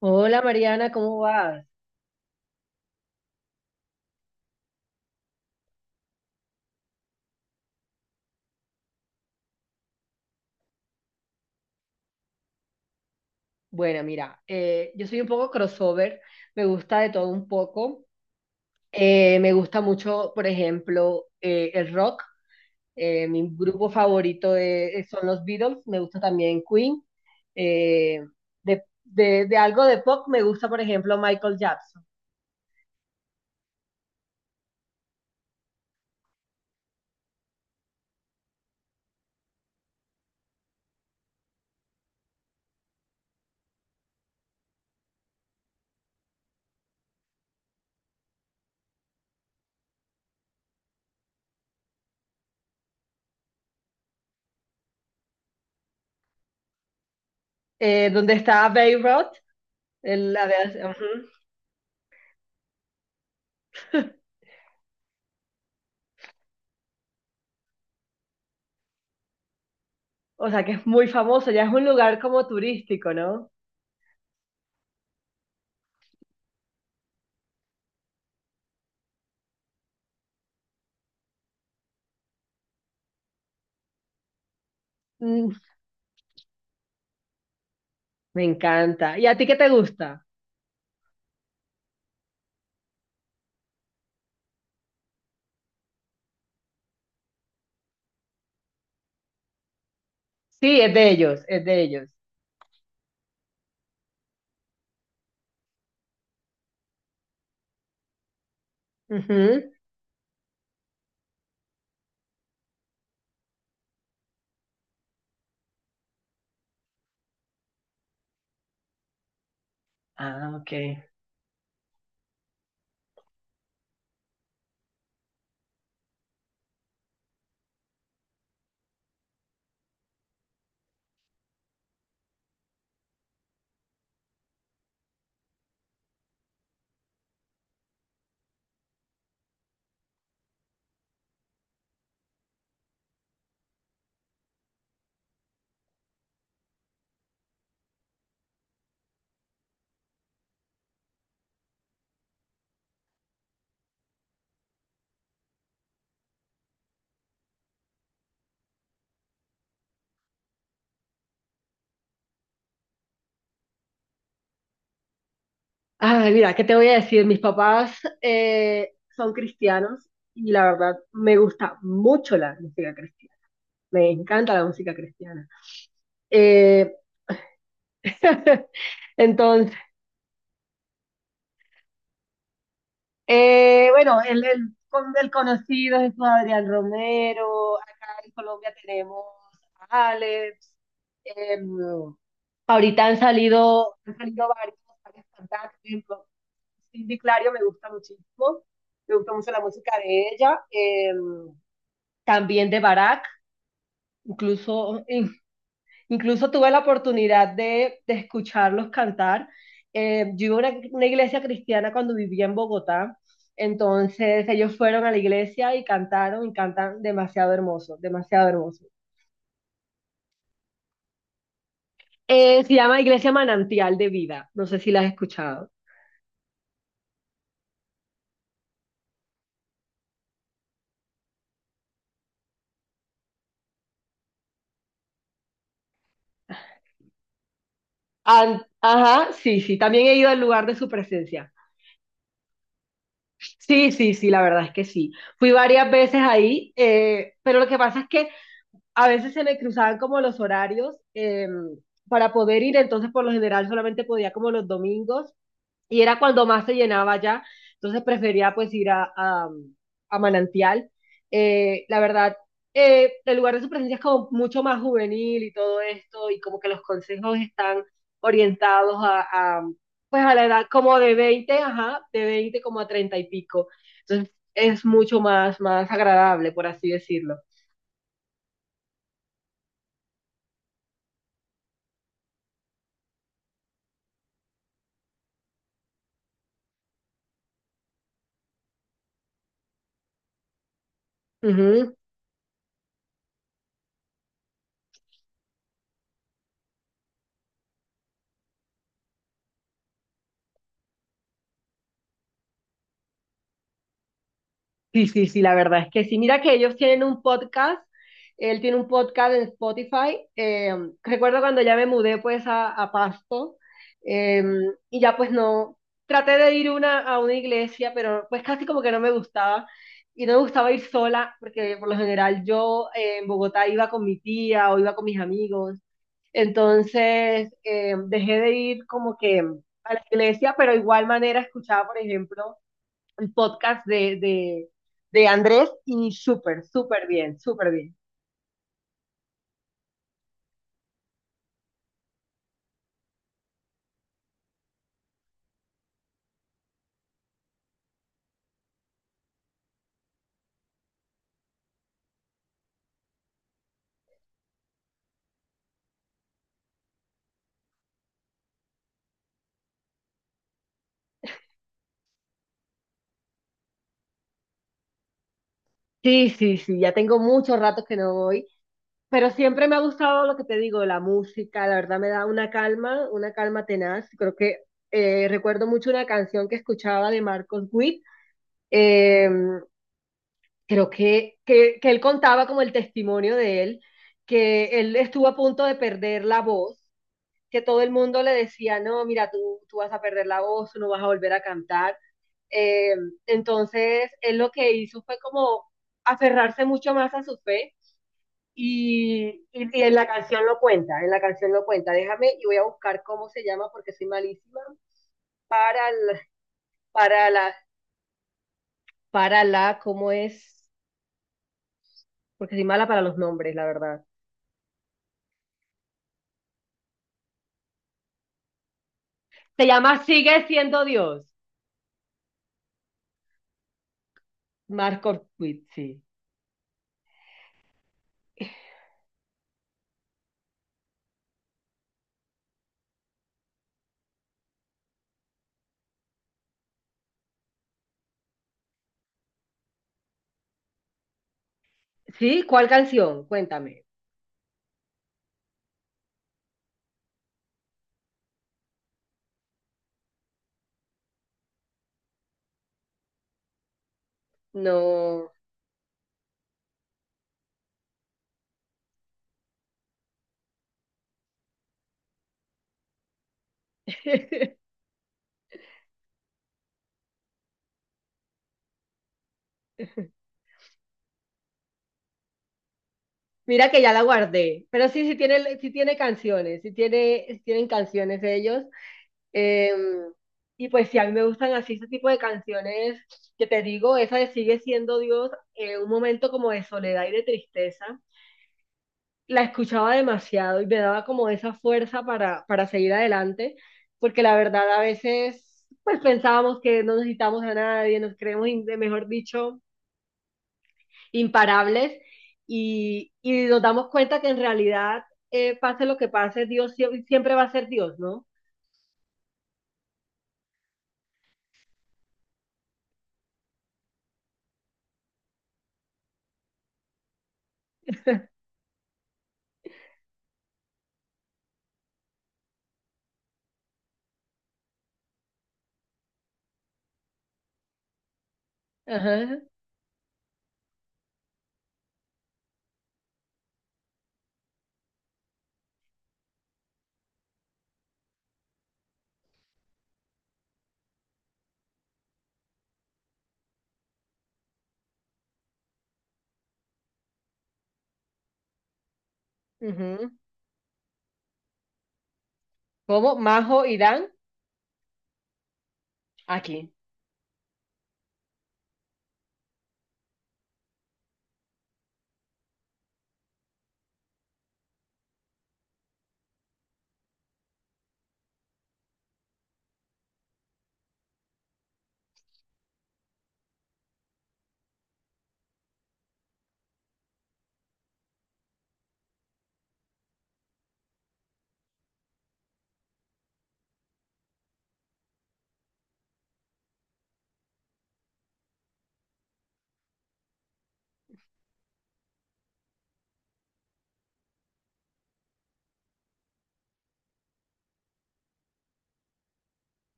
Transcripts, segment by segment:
Hola Mariana, ¿cómo vas? Bueno, mira, yo soy un poco crossover, me gusta de todo un poco. Me gusta mucho, por ejemplo, el rock. Mi grupo favorito son los Beatles, me gusta también Queen. Eh, de algo de pop me gusta, por ejemplo, Michael Jackson. Donde está Bay Road, ujú. O sea, que es muy famoso, ya es un lugar como turístico, ¿no? Mm, me encanta. ¿Y a ti qué te gusta? Sí, es de ellos, es de ellos. Ujú. Ah, ok. Ay, mira, ¿qué te voy a decir? Mis papás son cristianos y la verdad me gusta mucho la música cristiana. Me encanta la música cristiana. Eh, entonces, bueno, el conocido es Adrián Romero. Acá en Colombia tenemos a Alex. em, Ahorita han salido, varios cantantes. Cindy Clario me gusta muchísimo, me gusta mucho la música de ella, también de Barack, incluso, incluso tuve la oportunidad de escucharlos cantar. Yo iba a una iglesia cristiana cuando vivía en Bogotá, entonces ellos fueron a la iglesia y cantaron y cantan demasiado hermoso, demasiado hermoso. Se llama Iglesia Manantial de Vida, no sé si la has escuchado. Ajá, sí, sí, también he ido al lugar de su presencia. Sí, sí, sí, la verdad es que sí. Fui varias veces ahí, pero lo que pasa es que a veces se me cruzaban como los horarios para poder ir, entonces por lo general solamente podía como los domingos y era cuando más se llenaba ya, entonces prefería pues ir a Manantial. La verdad, el lugar de su presencia es como mucho más juvenil y todo esto, y como que los consejos están orientados pues a la edad como de 20 ajá, de 20 como a 30 y pico. Entonces es mucho más, más agradable, por así decirlo. Ujú. Sí, sí, sí, la verdad es que sí. Mira que ellos tienen un podcast, él tiene un podcast en Spotify. Recuerdo cuando ya me mudé pues a Pasto eh, y ya pues no, traté de ir una, a una iglesia, pero pues casi como que no me gustaba y no me gustaba ir sola porque por lo general yo en Bogotá iba con mi tía o iba con mis amigos. Entonces dejé de ir como que a la iglesia, pero de igual manera escuchaba, por ejemplo el podcast de Andrés y súper, súper bien, súper bien. Sí, sí, sí, ya tengo muchos ratos que no voy, pero siempre me ha gustado lo que te digo, la música, la verdad me da una calma tenaz. Creo que recuerdo mucho una canción que escuchaba de Marcos Witt, eh, creo que él contaba como el testimonio de él, que él estuvo a punto de perder la voz, que todo el mundo le decía, no, mira, tú vas a perder la voz, tú no vas a volver a cantar. Eh, entonces, él lo que hizo fue como aferrarse mucho más a su fe y en la canción lo cuenta, en la canción lo cuenta. Déjame y voy a buscar cómo se llama porque soy malísima para la, para la, para la, ¿cómo es? Porque soy mala para los nombres, la verdad. Se llama Sigue siendo Dios. Marco Witt, sí. ¿Sí? ¿Cuál canción? Cuéntame. No. Mira que ya la guardé, pero sí, sí tiene canciones, sí tiene, sí tienen canciones ellos. Eh, y pues sí, a mí me gustan así ese tipo de canciones que te digo, esa de Sigue siendo Dios, un momento como de soledad y de tristeza. La escuchaba demasiado y me daba como esa fuerza para seguir adelante, porque la verdad a veces pues pensábamos que no necesitamos a nadie, nos creemos, mejor dicho, imparables nos damos cuenta que en realidad, pase lo que pase, Dios siempre va a ser Dios, ¿no? Ajá, ujú. ¿Cómo? Majo, Irán, aquí.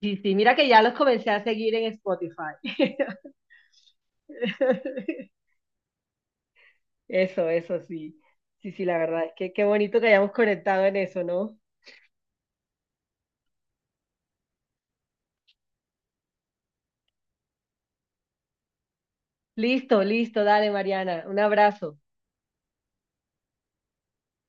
Sí, sí, mira que ya los comencé a seguir en Spotify. Eso sí. Sí, sí, la verdad es que qué bonito que hayamos conectado en eso, ¿no? Listo, listo, dale, Mariana. Un abrazo.